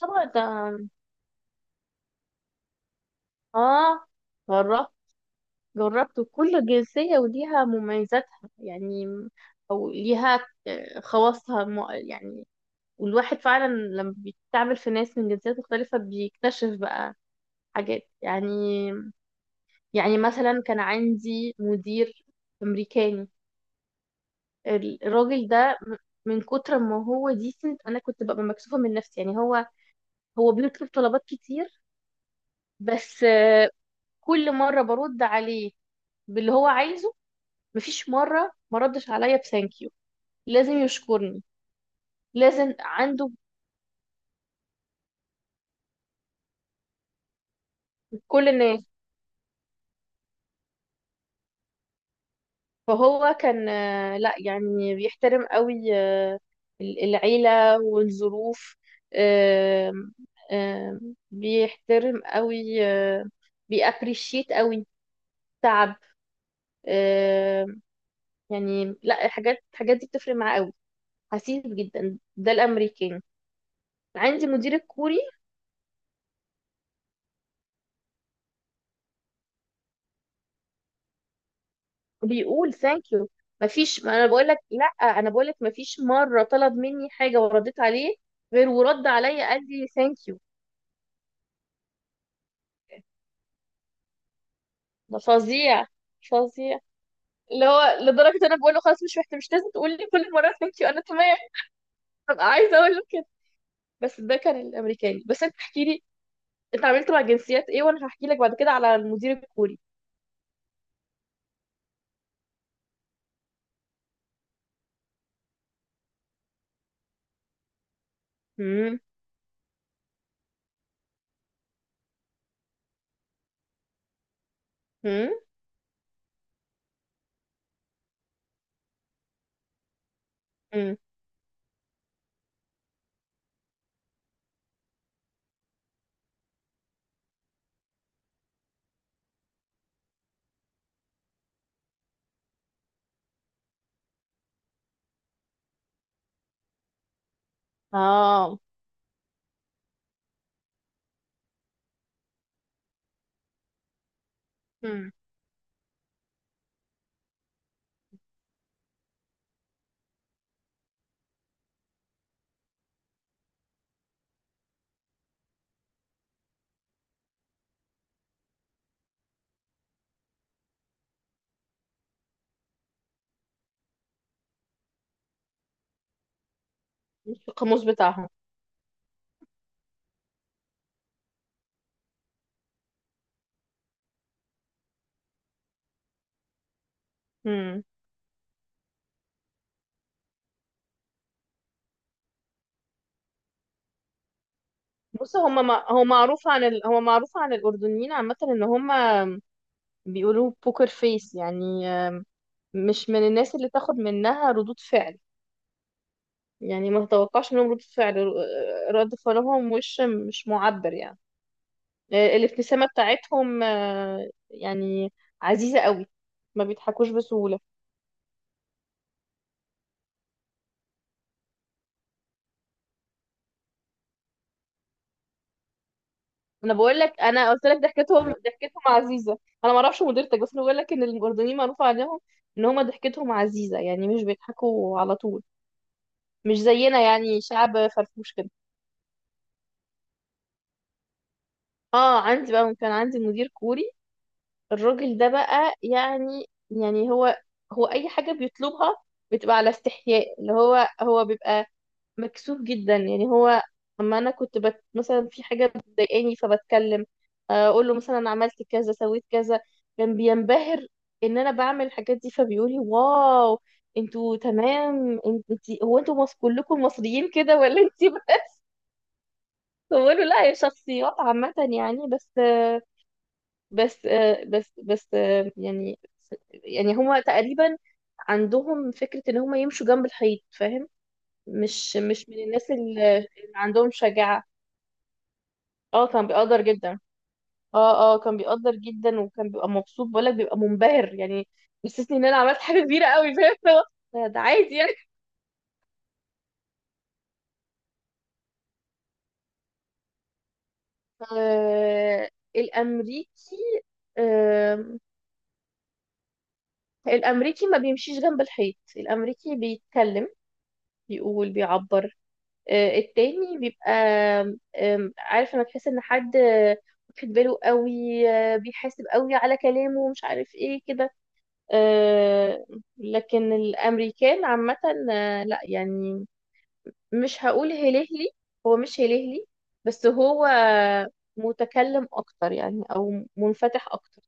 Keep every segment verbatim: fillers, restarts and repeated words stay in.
طبعا ده. اه، جربت جربت كل جنسية وليها مميزاتها، يعني. او ليها آه، خواصها مو- يعني. والواحد فعلا لما بيتعامل في ناس من جنسيات مختلفة بيكتشف بقى حاجات، يعني. يعني مثلا كان عندي مدير أمريكاني. ال- الراجل ده م- من كتر ما هو ديسنت انا كنت ببقى مكسوفة من نفسي، يعني. هو هو بيطلب طلبات كتير. بس آه، كل مرة برد عليه باللي هو عايزه. مفيش مرة ما ردش عليا بثانك يو. لازم يشكرني، لازم عنده كل الناس. فهو كان آه، لا يعني بيحترم قوي آه، العيلة والظروف. آم، آم، بيحترم قوي آه، بيابريشيت قوي تعب. آم، يعني لا، الحاجات الحاجات دي بتفرق معاه قوي. حسيس جدا ده الامريكان. عندي مدير الكوري بيقول ثانك يو. مفيش، ما انا بقول لك، لا انا بقول لك مفيش مره طلب مني حاجه ورديت عليه غير ورد عليا قال لي ثانك يو. ده فظيع. فظيع. اللي هو لدرجه انا بقول له خلاص مش محتاج، مش لازم تقول لي كل مره ثانك يو، انا تمام. ببقى عايزه اقول له كده. بس ده كان الامريكاني. بس انت احكي لي، انت عملت مع جنسيات ايه وانا هحكي لك بعد كده على المدير الكوري. امم. امم. امم. اه. امم. القاموس بتاعهم. بص هما، ما هو معروف عن ال... هو معروف عن الأردنيين عامة إن هما بيقولوا بوكر فيس، يعني آم، مش من الناس اللي تاخد منها ردود فعل. يعني ما تتوقعش منهم ردود فعل، آه، رد فعلهم وش مش معبر، يعني. آه، الابتسامة بتاعتهم آه، يعني عزيزة قوي. ما بيضحكوش بسهولة. انا بقول لك، انا قلت لك ضحكتهم ضحكتهم عزيزة. انا ما اعرفش مديرتك، بس انا بقول لك ان الأردنيين معروف عنهم ان هما ضحكتهم عزيزة، يعني مش بيضحكوا على طول. مش زينا، يعني شعب فرفوش كده. اه، عندي بقى، كان عندي مدير كوري. الراجل ده بقى، يعني يعني هو هو اي حاجه بيطلبها بتبقى على استحياء، اللي هو هو بيبقى مكسوف جدا، يعني هو. اما انا كنت بت مثلا في حاجه بتضايقاني فبتكلم آه، اقول له مثلا عملت كذا، سويت كذا. كان بينبهر ان انا بعمل الحاجات دي فبيقول لي واو. انتوا تمام؟ انت انت- هو انتوا مص- كلكم مصريين كده ولا انت بس؟ بقول له لا، هي شخصيات عامة، يعني. بس بس بس بس، يعني يعني هما تقريبا عندهم فكرة ان هما يمشوا جنب الحيط، فاهم؟ مش مش من الناس اللي اللي عندهم شجاعة. اه كان بيقدر جدا. اه اه كان بيقدر جدا، وكان بيبقى مبسوط، بقولك بيبقى منبهر، يعني. بيحسسني ان انا عملت حاجة كبيرة قوي، فاهم اللي هو ده ده عادي، يعني. آه، الامريكي. آه، الامريكي ما بيمشيش جنب الحيط. الامريكي بيتكلم، بيقول، بيعبر. آه، التاني بيبقى، آم، عارف لما تحس ان حد آه، واخد باله قوي، آه، بيحاسب قوي على كلامه، مش عارف ايه كده. آه، لكن الامريكان عامة، آه، لا يعني مش هقول هلهلي، هو مش هلهلي، بس هو متكلم اكتر، يعني، او منفتح اكتر.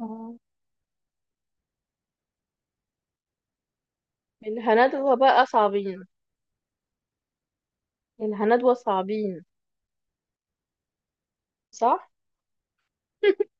اه، الهندوة بقى صعبين. الهندوة صعبين. صح.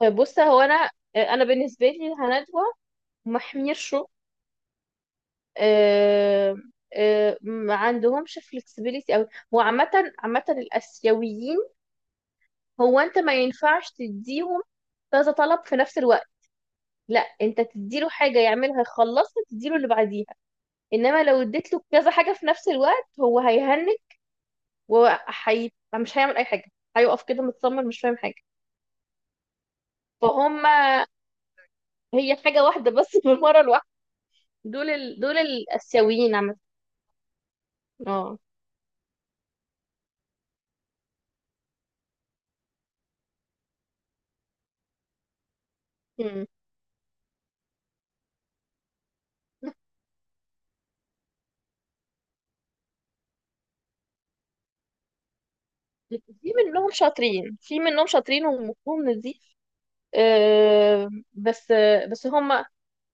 طيب بص، هو انا، آه، انا بالنسبه لي الهندوه ما حميرشوا. آه، آه، ما عندهمش فلكسبيليتي، او هو عامة، عامة الاسيويين، هو انت ما ينفعش تديهم كذا طلب في نفس الوقت. لا، انت تديله حاجة يعملها يخلصها تديله اللي بعديها. انما لو اديت له كذا حاجة في نفس الوقت هو هيهنج وحي مش هيعمل اي حاجة. هيقف كده متصمم، مش فاهم حاجة. فهم. هي حاجة واحدة بس في المرة الواحدة. دول ال... دول الاسيويين عامة. اه. مم. في منهم شاطرين في منهم شاطرين ومفهوم ان دي آه، بس آه، بس هم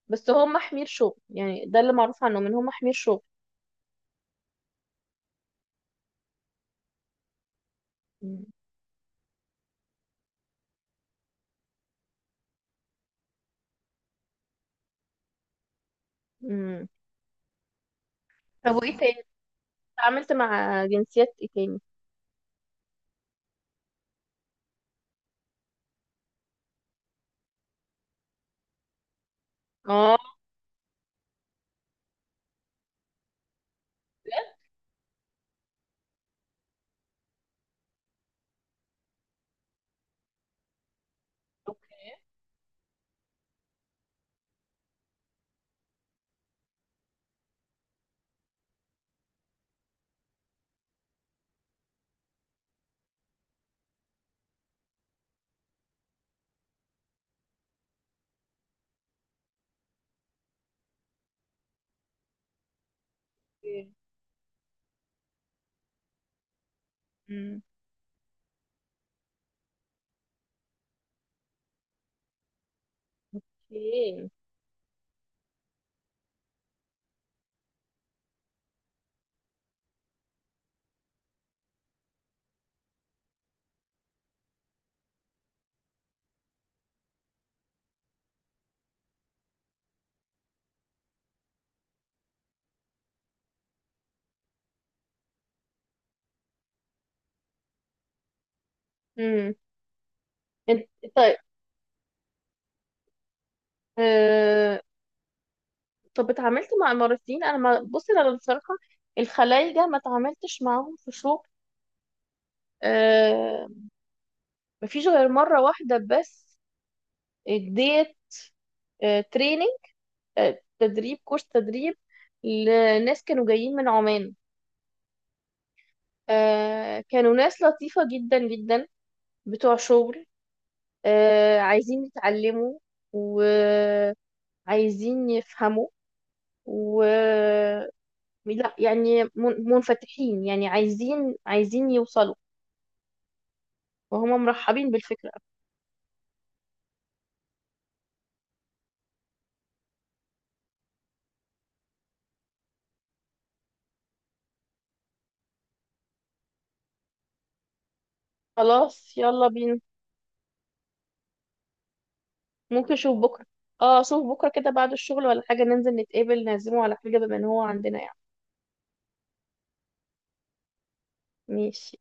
بس هم حمير شغل، يعني، ده اللي معروف عنهم ان هم حمير شغل. مم. مم. طب وايه تاني؟ اتعاملت مع جنسيات ايه تاني؟ اه. بجد؟ اوكي. اوكي. مم. اوكي. مم. انت؟ طيب. آه... طب اتعاملت مع اماراتيين. انا ما بص انا بصراحه الخلايجه ما اتعاملتش معاهم في شغل. آه... ما فيش غير مره واحده. بس اديت تريننج، تدريب، كورس تدريب لناس كانوا جايين من عمان. آه، كانوا ناس لطيفة جدا جدا، بتوع شغل، آه، عايزين يتعلموا وعايزين يفهموا، و لا يعني من- منفتحين، يعني عايزين عايزين يوصلوا، وهما مرحبين بالفكرة. خلاص يلا بينا. ممكن اشوف بكرة. اه، اشوف بكرة كده بعد الشغل ولا حاجة، ننزل نتقابل نعزمه على حاجة بما ان هو عندنا، يعني. ماشي.